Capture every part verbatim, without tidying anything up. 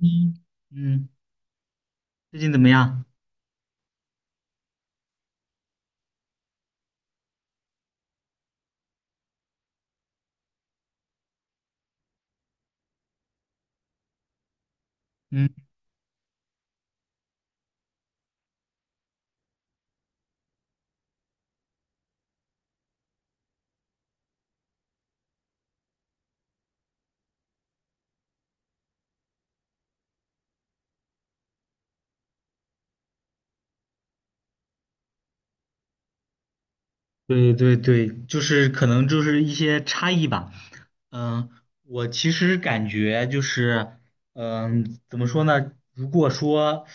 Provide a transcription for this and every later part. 嗯嗯，最近怎么样？嗯，对对对，就是可能就是一些差异吧。嗯，我其实感觉就是，嗯，怎么说呢？如果说，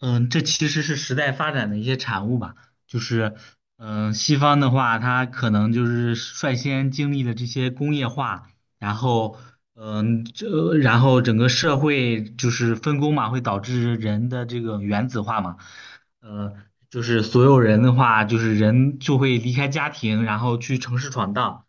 嗯，这其实是时代发展的一些产物吧。就是，嗯，西方的话，它可能就是率先经历了这些工业化，然后，嗯，这然后整个社会就是分工嘛，会导致人的这个原子化嘛。呃，就是所有人的话，就是人就会离开家庭，然后去城市闯荡，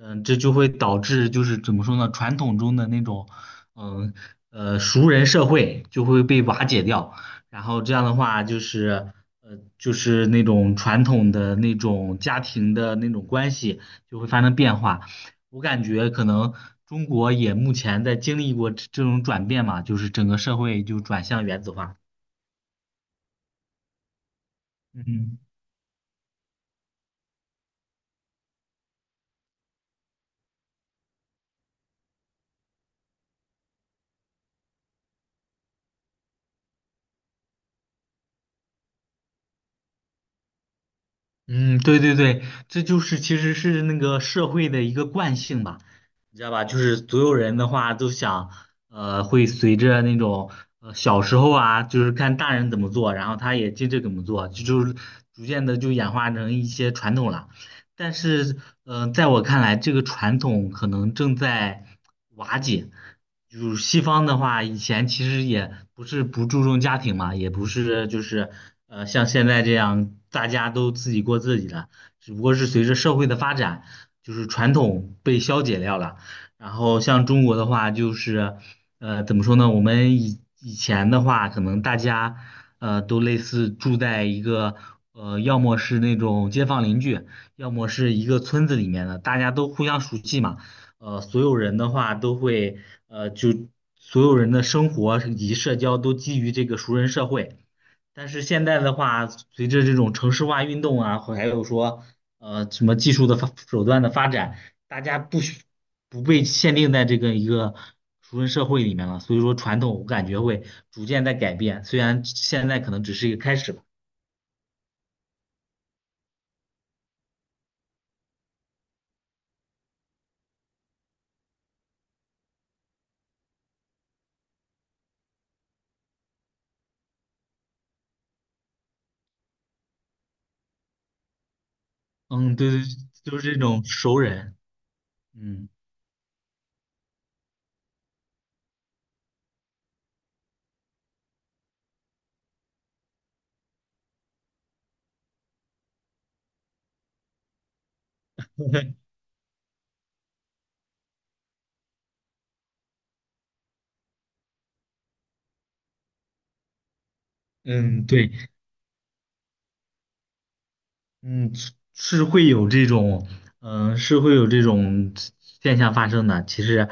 嗯、这就会导致就是怎么说呢，传统中的那种，嗯呃，熟人社会就会被瓦解掉，然后这样的话就是，呃，就是那种传统的那种家庭的那种关系就会发生变化，我感觉可能中国也目前在经历过这这种转变嘛，就是整个社会就转向原子化，嗯。嗯，对对对，这就是其实是那个社会的一个惯性吧，你知道吧？就是所有人的话都想，呃，会随着那种呃小时候啊，就是看大人怎么做，然后他也接着怎么做，就就是逐渐的就演化成一些传统了。但是，呃，在我看来，这个传统可能正在瓦解。就是西方的话，以前其实也不是不注重家庭嘛，也不是就是呃像现在这样大家都自己过自己的，只不过是随着社会的发展，就是传统被消解掉了。然后像中国的话，就是呃怎么说呢？我们以以前的话，可能大家呃都类似住在一个呃，要么是那种街坊邻居。要么是一个村子里面的，大家都互相熟悉嘛，呃，所有人的话都会，呃，就所有人的生活以及社交都基于这个熟人社会。但是现在的话，随着这种城市化运动啊，还有说，呃，什么技术的发手段的发展，大家不许不被限定在这个一个熟人社会里面了，所以说传统我感觉会逐渐在改变，虽然现在可能只是一个开始吧。嗯，对对，就是这种熟人，嗯。嗯，对，嗯，是是会有这种，嗯，是会有这种现象发生的。其实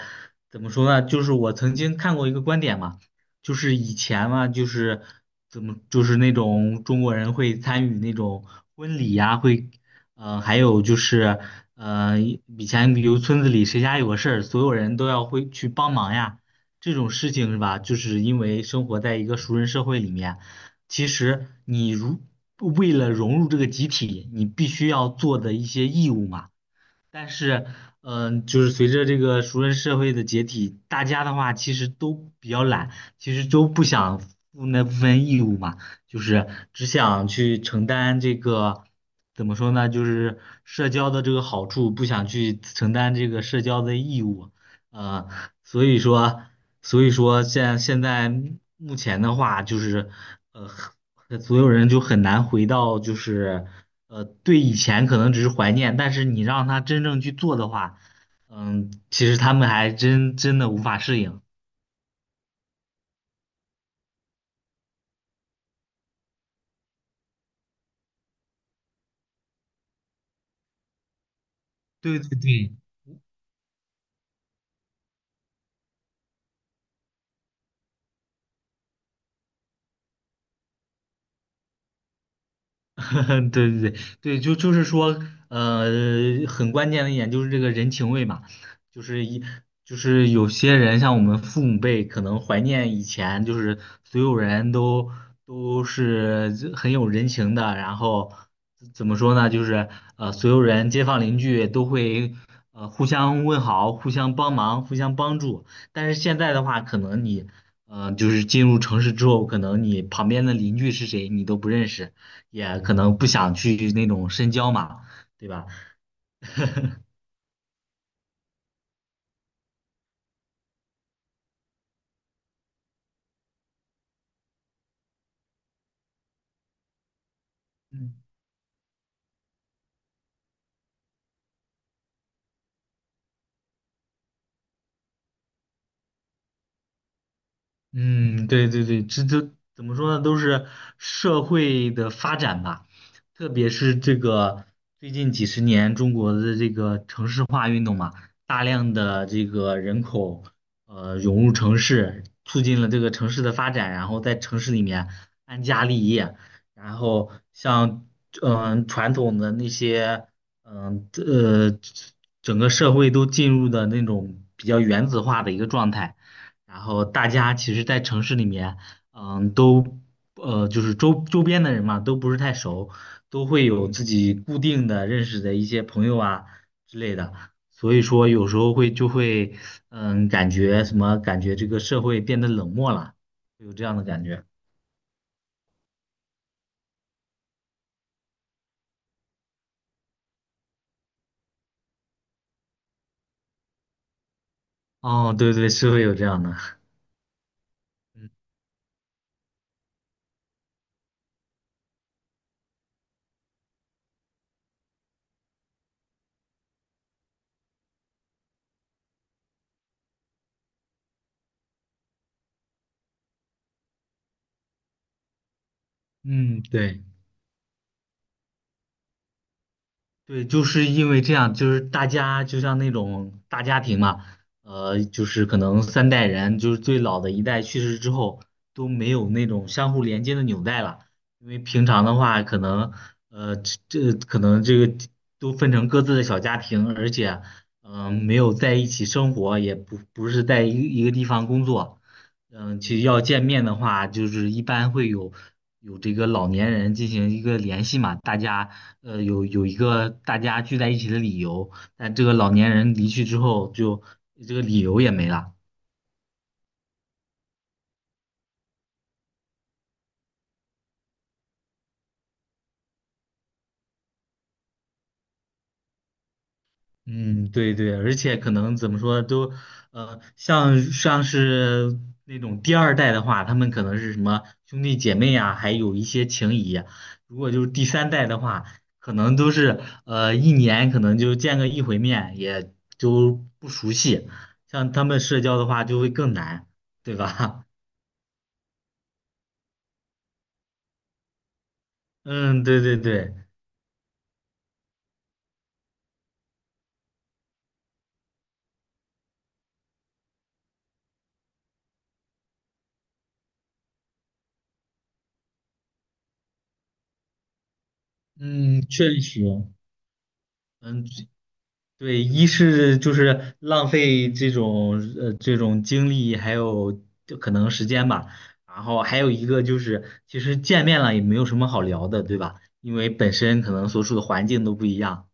怎么说呢，就是我曾经看过一个观点嘛，就是以前嘛，就是怎么，就是那种中国人会参与那种婚礼呀、会，呃，还有就是，呃，以前比如村子里谁家有个事儿，所有人都要会去帮忙呀，这种事情是吧？就是因为生活在一个熟人社会里面。其实你如为了融入这个集体，你必须要做的一些义务嘛。但是，嗯、就是随着这个熟人社会的解体，大家的话其实都比较懒，其实都不想负那部分义务嘛，就是只想去承担这个。怎么说呢？就是社交的这个好处，不想去承担这个社交的义务，呃，所以说，所以说现现在目前的话，就是呃，呃所有人就很难回到就是，呃，对以前可能只是怀念，但是你让他真正去做的话，嗯，其实他们还真真的无法适应。对对对，对对对对，就就是说，呃，很关键的一点就是这个人情味嘛，就是一就是有些人像我们父母辈可能怀念以前，就是所有人都都是很有人情的，然后怎么说呢，就是呃，所有人街坊邻居都会呃互相问好、互相帮忙、互相帮助，但是现在的话，可能你呃就是进入城市之后，可能你旁边的邻居是谁你都不认识。也可能不想去那种深交嘛，对吧？嗯，嗯，对对对，这都怎么说呢？都是社会的发展吧，特别是这个最近几十年中国的这个城市化运动嘛，大量的这个人口呃涌入城市，促进了这个城市的发展，然后在城市里面安家立业，然后像嗯、呃传统的那些嗯呃整个社会都进入的那种比较原子化的一个状态。然后大家其实，在城市里面，嗯，都呃，就是周周边的人嘛，都不是太熟，都会有自己固定的认识的一些朋友啊之类的，所以说有时候会就会，嗯，感觉什么，感觉这个社会变得冷漠了，有这样的感觉。哦，对对，是会有这样的。嗯，对。对，就是因为这样，就是大家就像那种大家庭嘛，呃，就是可能三代人，就是最老的一代去世之后都没有那种相互连接的纽带了，因为平常的话，可能呃这这可能这个都分成各自的小家庭，而且嗯、呃没有在一起生活，也不不是在一一个地方工作，嗯、其实要见面的话，就是一般会有有这个老年人进行一个联系嘛，大家。呃，有有一个大家聚在一起的理由，但这个老年人离去之后就，这个理由也没了。嗯，对对，而且可能怎么说都，呃，像像是那种第二代的话，他们可能是什么兄弟姐妹啊，还有一些情谊啊如果就是第三代的话，可能都是呃一年可能就见个一回面，也就不熟悉。像他们社交的话就会更难，对吧？嗯，对对对。嗯，确实，嗯，对，一是就是浪费这种呃这种精力，还有就可能时间吧，然后还有一个就是，其实见面了也没有什么好聊的，对吧？因为本身可能所处的环境都不一样。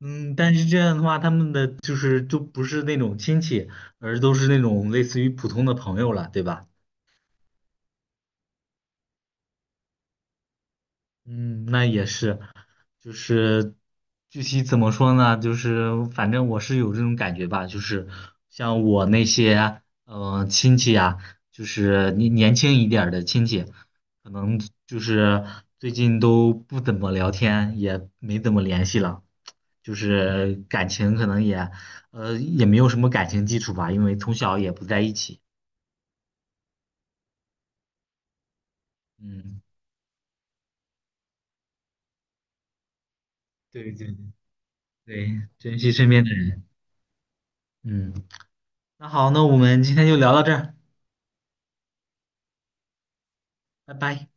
嗯，但是这样的话，他们的就是就不是那种亲戚，而都是那种类似于普通的朋友了，对吧？嗯，那也是，就是具体怎么说呢？就是反正我是有这种感觉吧，就是像我那些呃亲戚啊，就是年年轻一点儿的亲戚，可能就是最近都不怎么聊天，也没怎么联系了，就是感情可能也呃也没有什么感情基础吧，因为从小也不在一起。嗯，对对对，珍惜身边的人。嗯，那好，那我们今天就聊到这儿。拜拜。